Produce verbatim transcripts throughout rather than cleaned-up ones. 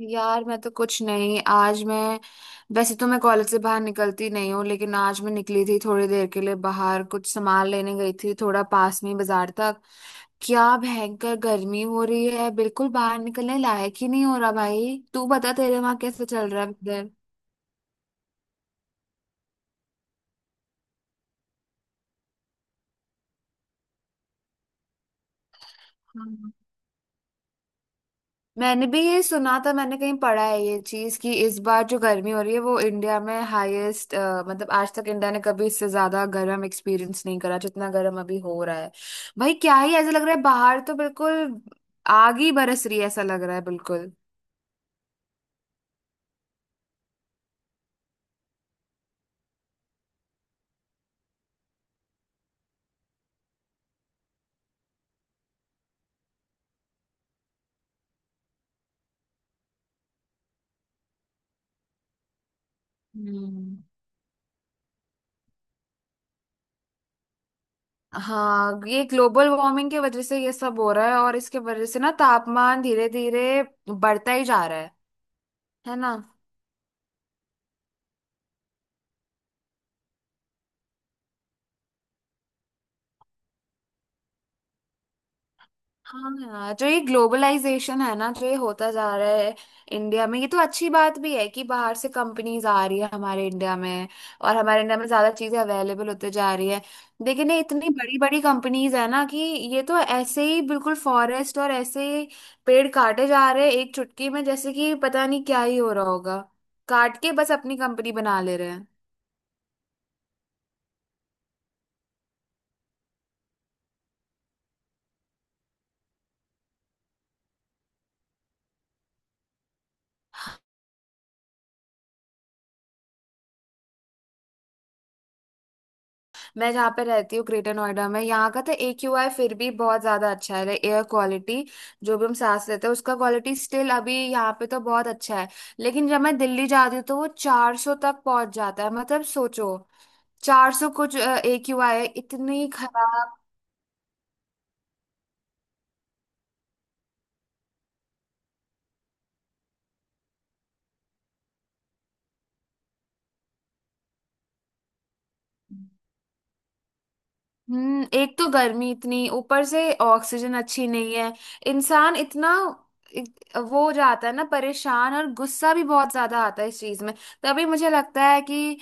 यार, मैं तो कुछ नहीं, आज मैं वैसे तो मैं कॉलेज से बाहर निकलती नहीं हूँ, लेकिन आज मैं निकली थी थोड़ी देर के लिए बाहर, कुछ सामान लेने गई थी थोड़ा, पास में ही बाजार तक। क्या भयंकर गर्मी हो रही है, बिल्कुल बाहर निकलने लायक ही नहीं हो रहा। भाई, तू बता तेरे वहां कैसे चल रहा है इधर। मैंने भी ये सुना था, मैंने कहीं पढ़ा है ये चीज कि इस बार जो गर्मी हो रही है वो इंडिया में हाईएस्ट। मतलब आज तक इंडिया ने कभी इससे ज्यादा गर्म एक्सपीरियंस नहीं करा जितना गर्म अभी हो रहा है। भाई, क्या ही ऐसा लग रहा है, बाहर तो बिल्कुल आग ही बरस रही है, ऐसा लग रहा है बिल्कुल। हम्म। हाँ, ये ग्लोबल वार्मिंग की वजह से ये सब हो रहा है, और इसके वजह से ना तापमान धीरे धीरे बढ़ता ही जा रहा है। है ना। हाँ यार, जो ये ग्लोबलाइजेशन है ना जो ये होता जा रहा है इंडिया में, ये तो अच्छी बात भी है कि बाहर से कंपनीज आ रही है हमारे इंडिया में, और हमारे इंडिया में ज्यादा चीजें अवेलेबल होते जा रही है। लेकिन ये इतनी बड़ी बड़ी कंपनीज है ना कि ये तो ऐसे ही बिल्कुल फॉरेस्ट और ऐसे ही पेड़ काटे जा रहे हैं, एक चुटकी में, जैसे कि पता नहीं क्या ही हो रहा होगा, काट के बस अपनी कंपनी बना ले रहे हैं। मैं जहाँ पे रहती हूँ ग्रेटर नोएडा में, यहाँ का तो ए क्यू आई फिर भी बहुत ज्यादा अच्छा है। एयर क्वालिटी जो भी हम सांस लेते हैं उसका क्वालिटी स्टिल अभी यहाँ पे तो बहुत अच्छा है। लेकिन जब मैं दिल्ली जाती हूँ तो वो चार सौ तक पहुंच जाता है, मतलब सोचो, चार सौ कुछ ए क्यू आई है, इतनी खराब। हम्म, एक तो गर्मी इतनी, ऊपर से ऑक्सीजन अच्छी नहीं है, इंसान इतना इत- वो हो जाता है ना परेशान, और गुस्सा भी बहुत ज्यादा आता है इस चीज में। तभी मुझे लगता है कि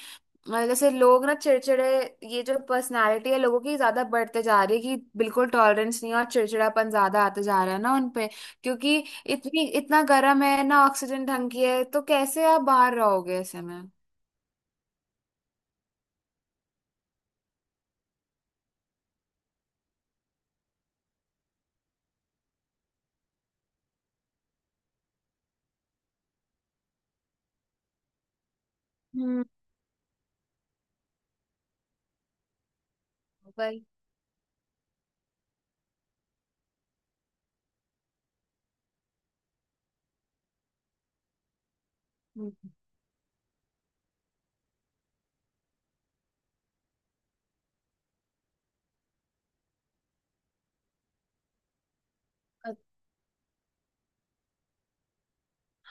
अ, जैसे लोग ना चिड़चिड़े, ये जो पर्सनालिटी है लोगों की ज्यादा बढ़ते जा रही है कि बिल्कुल टॉलरेंस नहीं है, और चिड़चिड़ापन ज्यादा आते जा रहा है ना उनपे, क्योंकि इतनी इतना गर्म है ना, ऑक्सीजन ढंग की है तो कैसे आप बाहर रहोगे ऐसे में। हम्म। वही। हम्म।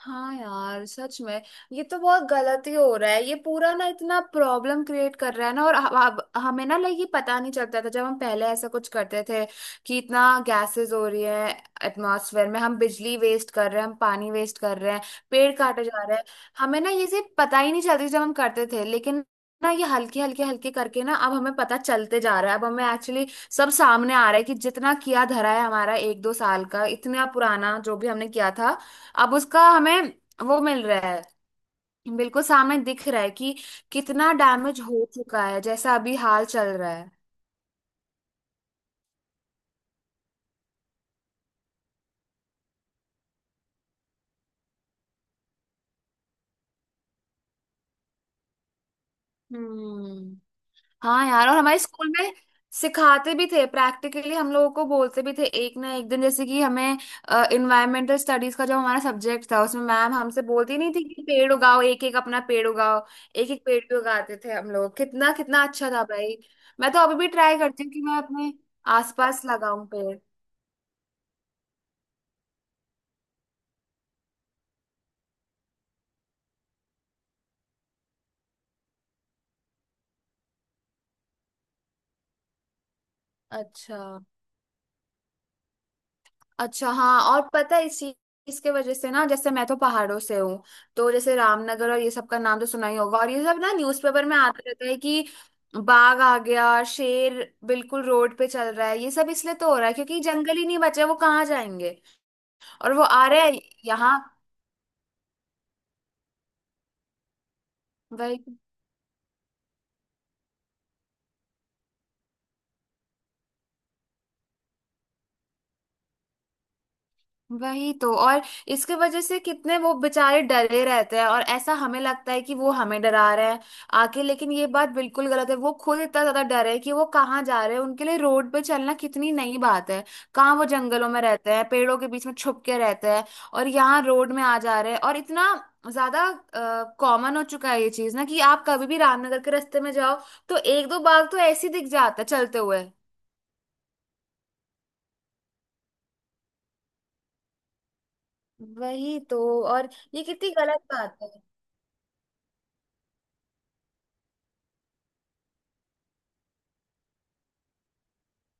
हाँ यार, सच में ये तो बहुत गलत ही हो रहा है, ये पूरा ना इतना प्रॉब्लम क्रिएट कर रहा है ना। और अब हमें ना, लाइक, ये पता नहीं चलता था जब हम पहले ऐसा कुछ करते थे कि इतना गैसेस हो रही है एटमॉस्फेयर में, हम बिजली वेस्ट कर रहे हैं, हम पानी वेस्ट कर रहे हैं, पेड़ काटे जा रहे हैं। हमें ना ये चीज पता ही नहीं चलती थी जब हम करते थे, लेकिन ना ये हल्के हल्के हल्के करके ना अब हमें पता चलते जा रहा है, अब हमें एक्चुअली सब सामने आ रहा है कि जितना किया धरा है हमारा एक दो साल का इतना पुराना जो भी हमने किया था, अब उसका हमें वो मिल रहा है, बिल्कुल सामने दिख रहा है कि कितना डैमेज हो चुका है जैसा अभी हाल चल रहा है। हम्म। हाँ यार, और हमारे स्कूल में सिखाते भी थे प्रैक्टिकली, हम लोगों को बोलते भी थे एक ना एक दिन, जैसे कि हमें इन्वायरमेंटल स्टडीज का जो हमारा सब्जेक्ट था उसमें मैम हमसे बोलती नहीं थी कि पेड़ उगाओ, एक एक अपना पेड़ उगाओ। एक एक पेड़ भी उगाते थे हम लोग, कितना कितना अच्छा था भाई। मैं तो अभी भी ट्राई करती हूँ कि मैं अपने आसपास लगाऊं पेड़। अच्छा, अच्छा। हाँ, और पता है इस चीज, इसके वजह से ना, जैसे मैं तो पहाड़ों से हूँ, तो जैसे रामनगर और ये सब का नाम तो सुना ही होगा, और ये सब ना न्यूज़पेपर में आता रहता है कि बाघ आ गया, शेर बिल्कुल रोड पे चल रहा है। ये सब इसलिए तो हो रहा है क्योंकि जंगल ही नहीं बचे, वो कहाँ जाएंगे, और वो आ रहे हैं यहाँ। वही। वही तो, और इसके वजह से कितने वो बेचारे डरे रहते हैं, और ऐसा हमें लगता है कि वो हमें डरा रहे हैं आके, लेकिन ये बात बिल्कुल गलत है। वो खुद इतना ज्यादा डरे हैं कि वो कहाँ जा रहे हैं, उनके लिए रोड पे चलना कितनी नई बात है। कहाँ वो जंगलों में रहते हैं, पेड़ों के बीच में छुप के रहते हैं, और यहाँ रोड में आ जा रहे हैं। और इतना ज्यादा कॉमन हो चुका है ये चीज ना कि आप कभी भी रामनगर के रास्ते में जाओ तो एक दो बाघ तो ऐसे ही दिख जाता है चलते हुए। वही तो। और ये कितनी गलत बात है।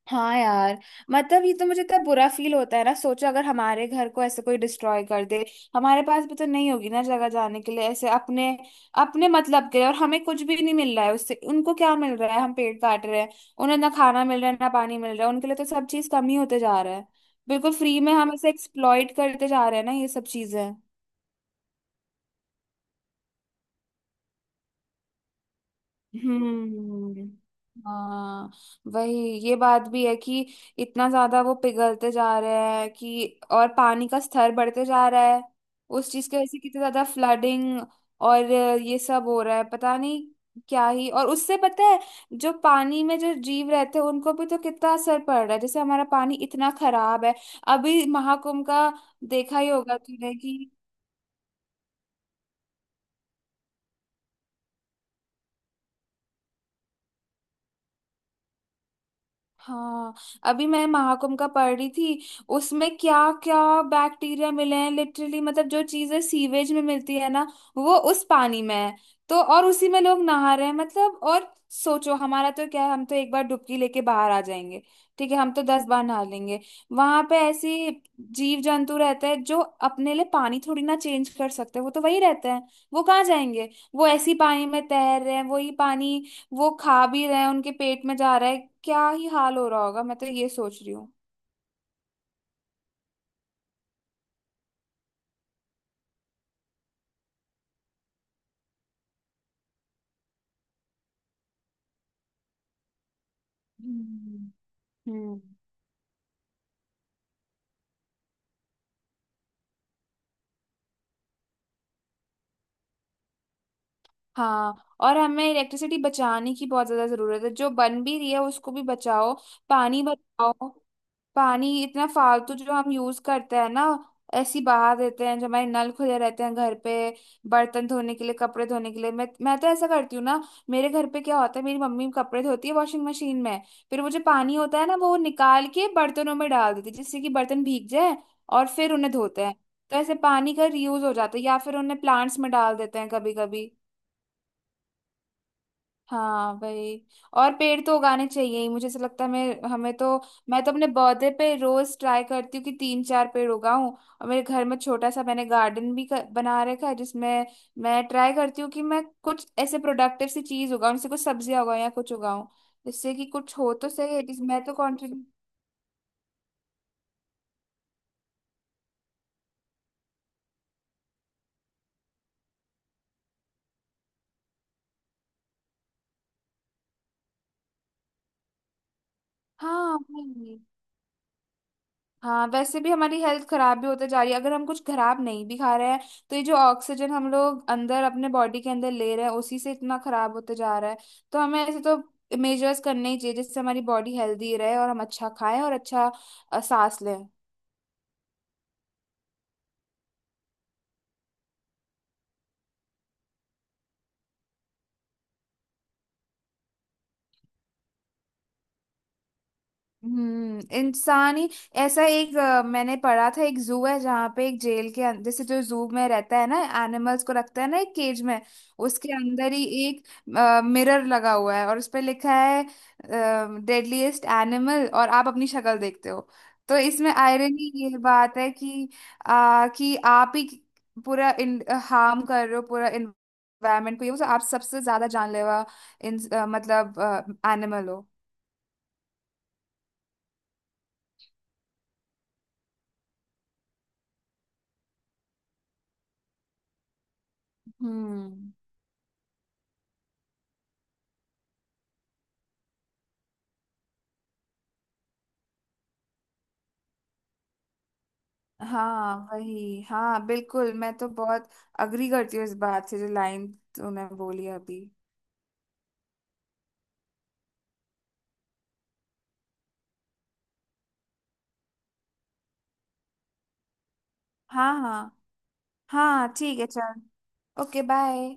हाँ यार, मतलब ये तो मुझे इतना बुरा फील होता है ना, सोचो अगर हमारे घर को ऐसे कोई डिस्ट्रॉय कर दे, हमारे पास भी तो नहीं होगी ना जगह जाने के लिए ऐसे अपने अपने मतलब के लिए। और हमें कुछ भी नहीं मिल रहा है उससे, उनको क्या मिल रहा है, हम पेड़ काट रहे हैं, उन्हें ना खाना मिल रहा है ना पानी मिल रहा है, उनके लिए तो सब चीज कम ही होते जा रहा है। बिल्कुल फ्री में हम ऐसे एक्सप्लॉइट करते जा रहे हैं ना ये सब चीजें। हम्म। हाँ वही, ये बात भी है कि इतना ज्यादा वो पिघलते जा रहे हैं कि और पानी का स्तर बढ़ते जा रहा है। उस चीज की वजह से कितनी ज्यादा फ्लडिंग और ये सब हो रहा है, पता नहीं क्या ही। और उससे पता है, जो पानी में जो जीव रहते हैं उनको भी तो कितना असर पड़ रहा है। जैसे हमारा पानी इतना खराब है, अभी महाकुंभ का देखा ही होगा तूने कि हाँ, अभी मैं महाकुंभ का पढ़ रही थी, उसमें क्या क्या बैक्टीरिया मिले हैं लिटरली। मतलब जो चीजें सीवेज में मिलती है ना, वो उस पानी में है, तो और उसी में लोग नहा रहे हैं। मतलब और सोचो, हमारा तो क्या है, हम तो एक बार डुबकी लेके बाहर आ जाएंगे, ठीक है हम तो दस बार नहा लेंगे, वहां पे ऐसे जीव जंतु रहते हैं जो अपने लिए पानी थोड़ी ना चेंज कर सकते, वो तो वही रहते हैं, वो कहाँ जाएंगे। वो ऐसी पानी में तैर रहे हैं, वही पानी वो खा भी रहे हैं, उनके पेट में जा रहा है, क्या ही हाल हो रहा होगा मैं तो ये सोच रही हूँ। हम्म। हम्म। हाँ, और हमें इलेक्ट्रिसिटी बचाने की बहुत ज्यादा जरूरत है, जो बन भी रही है उसको भी बचाओ। पानी बचाओ, पानी इतना फालतू जो हम यूज करते हैं ना, ऐसी बहा देते हैं, जो हमारे नल खुले रहते हैं घर पे बर्तन धोने के लिए, कपड़े धोने के लिए। मैं मैं तो ऐसा करती हूँ ना, मेरे घर पे क्या होता है, मेरी मम्मी कपड़े धोती है वॉशिंग मशीन में, फिर वो जो पानी होता है ना वो निकाल के बर्तनों में डाल देती है जिससे कि बर्तन भीग जाए, और फिर उन्हें धोते हैं। तो ऐसे पानी का रीयूज हो जाता है, या फिर उन्हें प्लांट्स में डाल देते हैं कभी कभी। हाँ वही। और पेड़ तो उगाने चाहिए ही, मुझे ऐसा लगता है। मैं हमें तो मैं तो अपने पौधे पे रोज ट्राई करती हूँ कि तीन चार पेड़ उगाऊं, और मेरे घर में छोटा सा मैंने गार्डन भी कर, बना रखा है, जिसमें मैं ट्राई करती हूँ कि मैं कुछ ऐसे प्रोडक्टिव सी चीज उगाऊं, जैसे कुछ सब्जियां उगाऊं या कुछ उगाऊं, जिससे कि कुछ हो तो सही है, जिस मैं तो कॉन्ट्रीब्यूट। हाँ वही। हाँ, वैसे भी हमारी हेल्थ खराब भी होते जा रही है, अगर हम कुछ खराब नहीं भी खा रहे हैं, तो ये जो ऑक्सीजन हम लोग अंदर अपने बॉडी के अंदर ले रहे हैं उसी से इतना खराब होते जा रहा है। तो हमें ऐसे तो मेजर्स करने ही चाहिए जिससे हमारी बॉडी हेल्दी रहे, और हम अच्छा खाएं और अच्छा अ, सांस लें। हम्म, इंसानी, ऐसा एक अ, मैंने पढ़ा था, एक जू है जहाँ पे एक जेल के अंदर, जैसे जो जू में रहता है ना, एनिमल्स को रखता है ना एक केज में, उसके अंदर ही एक मिरर लगा हुआ है, और उस पे लिखा है डेडलीस्ट एनिमल, और आप अपनी शक्ल देखते हो। तो इसमें आयरनी ये बात है कि आ, कि आप ही पूरा हार्म कर रहे हो पूरा इन्वायरमेंट को, ये वो आप सबसे ज्यादा जानलेवा इन अ, मतलब एनिमल हो। हम्म। हाँ वही, हाँ बिल्कुल, मैं तो बहुत अग्री करती हूँ इस बात से, जो लाइन तूने बोली अभी। हाँ, हाँ, हाँ। ठीक है चल, ओके बाय।